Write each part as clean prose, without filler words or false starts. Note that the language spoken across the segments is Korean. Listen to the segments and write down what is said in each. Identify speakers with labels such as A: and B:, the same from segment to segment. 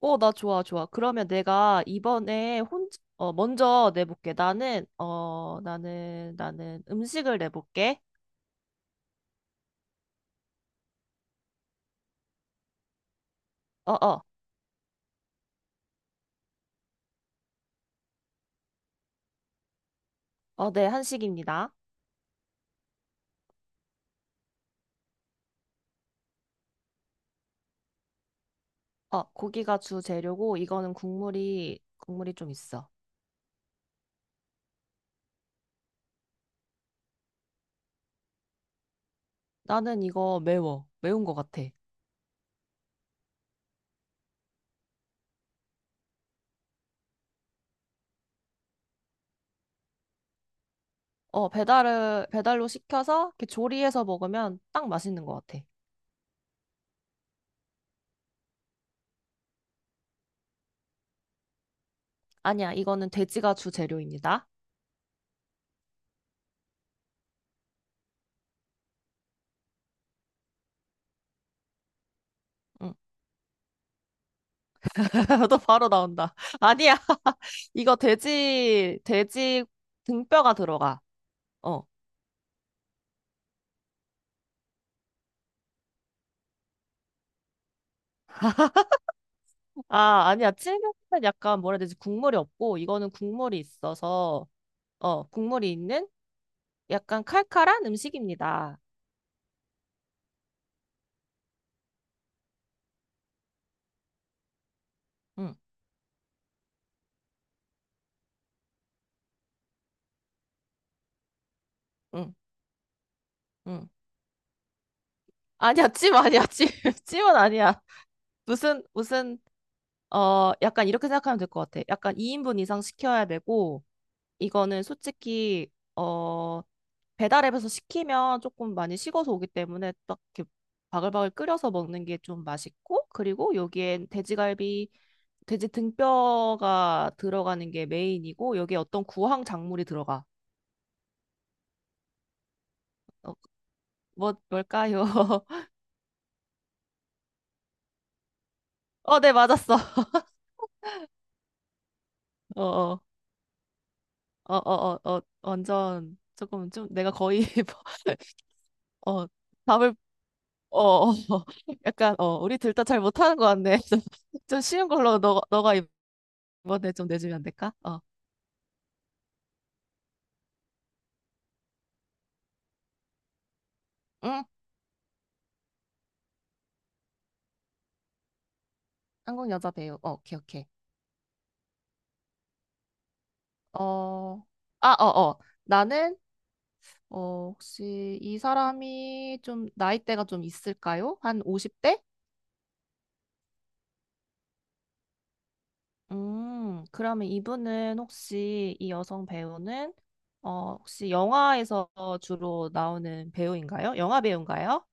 A: 나 좋아, 좋아. 그러면 내가 이번에 먼저 내볼게. 나는 음식을 내볼게. 어, 어, 네, 한식입니다. 고기가 주재료고, 이거는 국물이 좀 있어. 나는 이거 매워. 매운 것 같아. 배달로 시켜서 이렇게 조리해서 먹으면 딱 맛있는 것 같아. 아니야, 이거는 돼지가 주재료입니다. 응. 너 바로 나온다. 아니야. 이거 돼지 등뼈가 들어가. 어. 아, 아니야. 찔면은 약간 뭐라 해야 되지? 국물이 없고, 이거는 국물이 있어서, 국물이 있는 약간 칼칼한 음식입니다. 응, 응, 응. 아니야, 찜 아니야, 찜. 찜은 아니야. 무슨, 무슨, 약간 이렇게 생각하면 될 것 같아. 약간 2인분 이상 시켜야 되고, 이거는 솔직히 배달앱에서 시키면 조금 많이 식어서 오기 때문에 딱 이렇게 바글바글 끓여서 먹는 게 좀 맛있고, 그리고 여기엔 돼지 등뼈가 들어가는 게 메인이고, 여기에 어떤 구황 작물이 들어가. 어, 뭘까요? 네, 맞았어. 어 어 완전 조금 좀 내가 거의 어 답을 어, 어, 약간, 우리 둘 다 잘 못하는 것 같네. 좀 쉬운 걸로 너가 이번에 좀 내주면 안 될까? 응, 한국 여자 배우. 오케이, 오케이. 어, 아, 어, 어. 나는, 혹시 이 사람이 좀 나이대가 좀 있을까요? 한 50대? 그러면 이분은 혹시 이 여성 배우는, 혹시 영화에서 주로 나오는 배우인가요? 영화 배우인가요?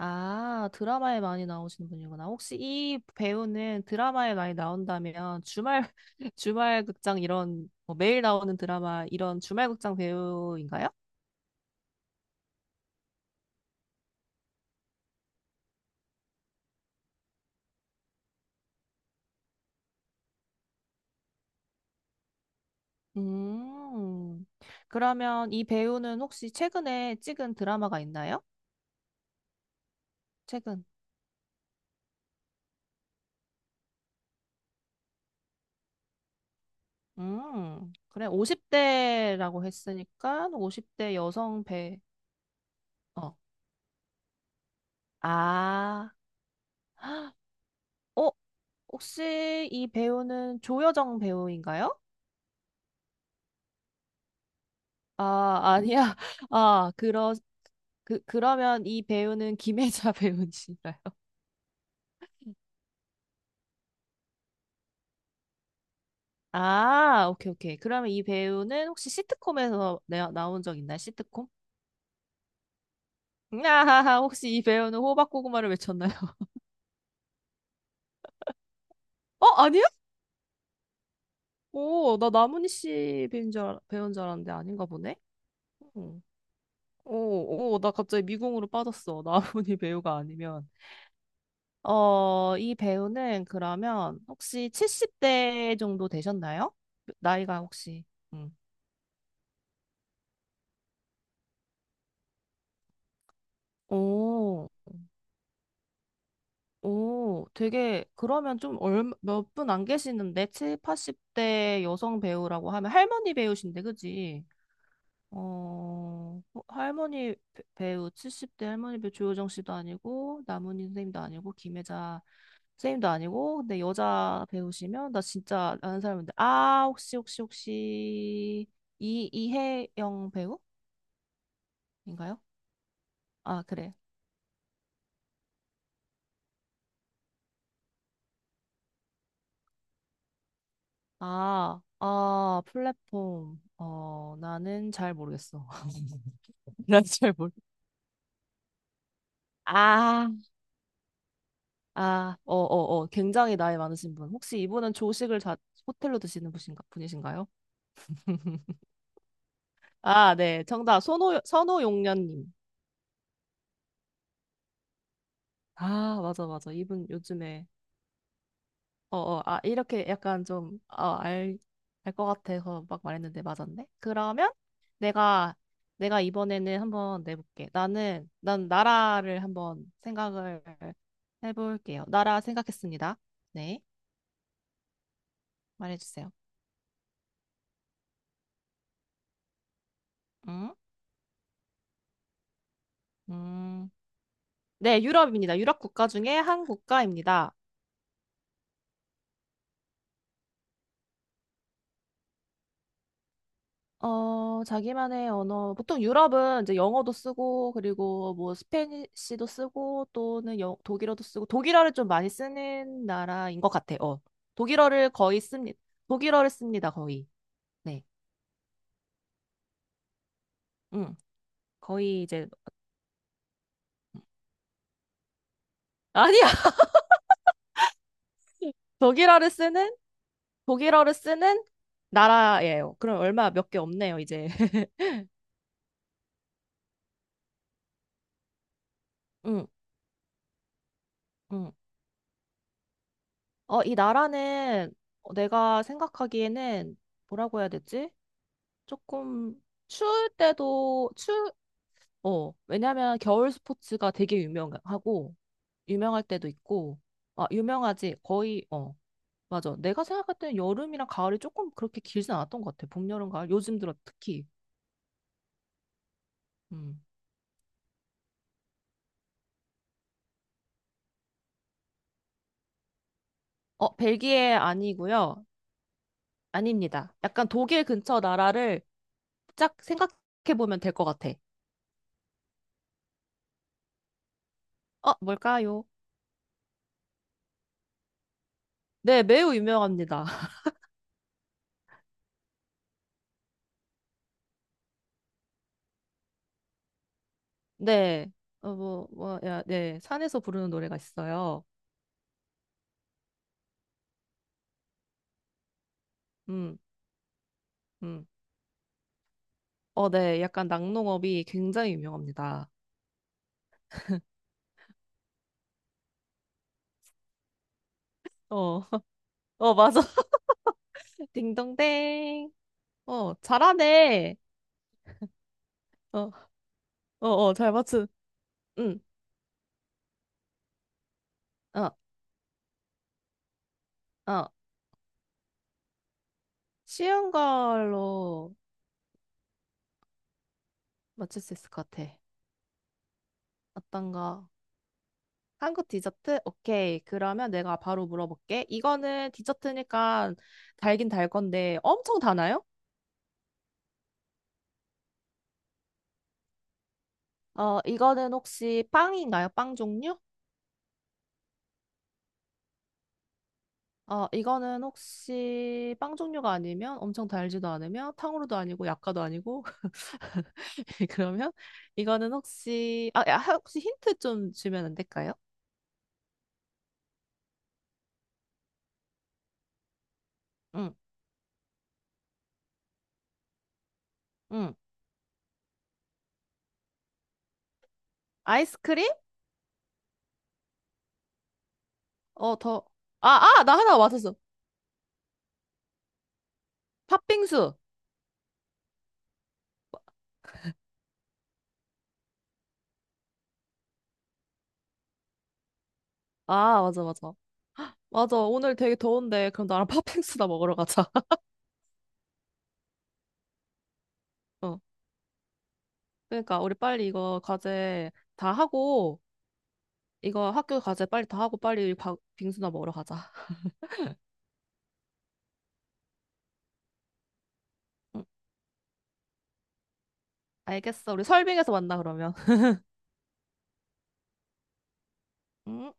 A: 아, 드라마에 많이 나오시는 분이구나. 혹시 이 배우는 드라마에 많이 나온다면 주말, 주말 극장 이런, 뭐 매일 나오는 드라마 이런 주말 극장 배우인가요? 음, 그러면 이 배우는 혹시 최근에 찍은 드라마가 있나요? 최근. 그래. 50대라고 했으니까 50대 여성 배, 어, 아, 헉, 어, 혹시 이 배우는 조여정 배우인가요? 아, 아니야. 아, 그러면 이 배우는 김혜자 배우인가요? 아, 오케이, 오케이. 그러면 이 배우는 혹시 시트콤에서 나온 적 있나요? 시트콤? 아하하, 혹시 이 배우는 호박고구마를 외쳤나요? 아니야? 오, 나 나문희 씨 배우인 줄, 배우인 줄 알았는데 아닌가 보네? 응. 오, 오, 오, 나 갑자기 미궁으로 빠졌어. 나문희 배우가 아니면. 이 배우는 그러면 혹시 70대 정도 되셨나요? 나이가 혹시. 오, 오, 그러면 좀 몇 분 안 계시는데, 70, 80대 여성 배우라고 하면 할머니 배우신데, 그지? 할머니 배우, 70대 할머니 배우 조효정 씨도 아니고, 남은희 선생님도 아니고, 김혜자 선생님도 아니고, 근데 여자 배우시면, 나 진짜 아는 사람인데, 아, 혹시, 이혜영 배우인가요? 아, 그래. 아, 아, 플랫폼. 나는 잘 모르겠어. 난 잘 모르. 아, 굉장히 나이 많으신 분. 혹시 이분은 조식을 호텔로 드시는 분이신가요? 아, 네. 정답. 선호용련님. 아, 맞아, 맞아. 이분 요즘에 이렇게 약간 좀, 알 것 같아서 막 말했는데 맞았네? 그러면 내가, 내가 이번에는 한번 내볼게. 난 나라를 한번 생각을 해볼게요. 나라 생각했습니다. 네, 말해주세요. 음, 음. 네, 유럽입니다. 유럽 국가 중에 한 국가입니다. 자기만의 언어. 보통 유럽은 이제 영어도 쓰고, 그리고 뭐 스페니쉬도 쓰고, 또는 독일어도 쓰고, 독일어를 좀 많이 쓰는 나라인 것 같아. 어. 독일어를 거의 씁니다. 독일어를 씁니다, 거의. 네. 응. 거의 이제, 아니야! 독일어를 쓰는, 독일어를 쓰는 나라예요. 그럼 얼마 몇 개 없네요, 이제. 응, 응. 이 나라는 내가 생각하기에는 뭐라고 해야 되지? 조금 추울 때도 왜냐면 겨울 스포츠가 되게 유명하고 유명할 때도 있고. 아, 유명하지. 거의 어. 맞아. 내가 생각할 때는 여름이랑 가을이 조금 그렇게 길진 않았던 것 같아. 봄, 여름, 가을. 요즘 들어 특히. 음. 벨기에 아니고요. 아닙니다. 약간 독일 근처 나라를 짝 생각해 보면 될 것 같아. 뭘까요? 네, 매우 유명합니다. 네. 네. 산에서 부르는 노래가 있어요. 음, 음. 네. 약간 낙농업이 굉장히 유명합니다. 어, 맞아. 딩동댕. 잘하네. 어, 잘 맞춘. 응, 어, 어. 쉬운 걸로 맞출 수 있을 것 같아. 어떤 거? 한국 디저트? 오케이. 그러면 내가 바로 물어볼게. 이거는 디저트니까 달긴 달 건데 엄청 다나요? 이거는 혹시 빵인가요? 빵 종류? 이거는 혹시 빵 종류가 아니면 엄청 달지도 않으며 탕후루도 아니고 약과도 아니고 그러면 이거는 혹시 힌트 좀 주면 안 될까요? 응, 응. 아이스크림? 더. 아, 아, 나 하나 맞았어. 팥빙수. 아, 맞아, 맞아. 맞아. 오늘 되게 더운데 그럼 나랑 팥빙수나 먹으러 가자. 어. 그러니까 우리 빨리 이거 과제 다 하고 이거 학교 과제 빨리 다 하고 빨리 빙수나 먹으러 가자. 응, 알겠어. 우리 설빙에서 만나 그러면. 음,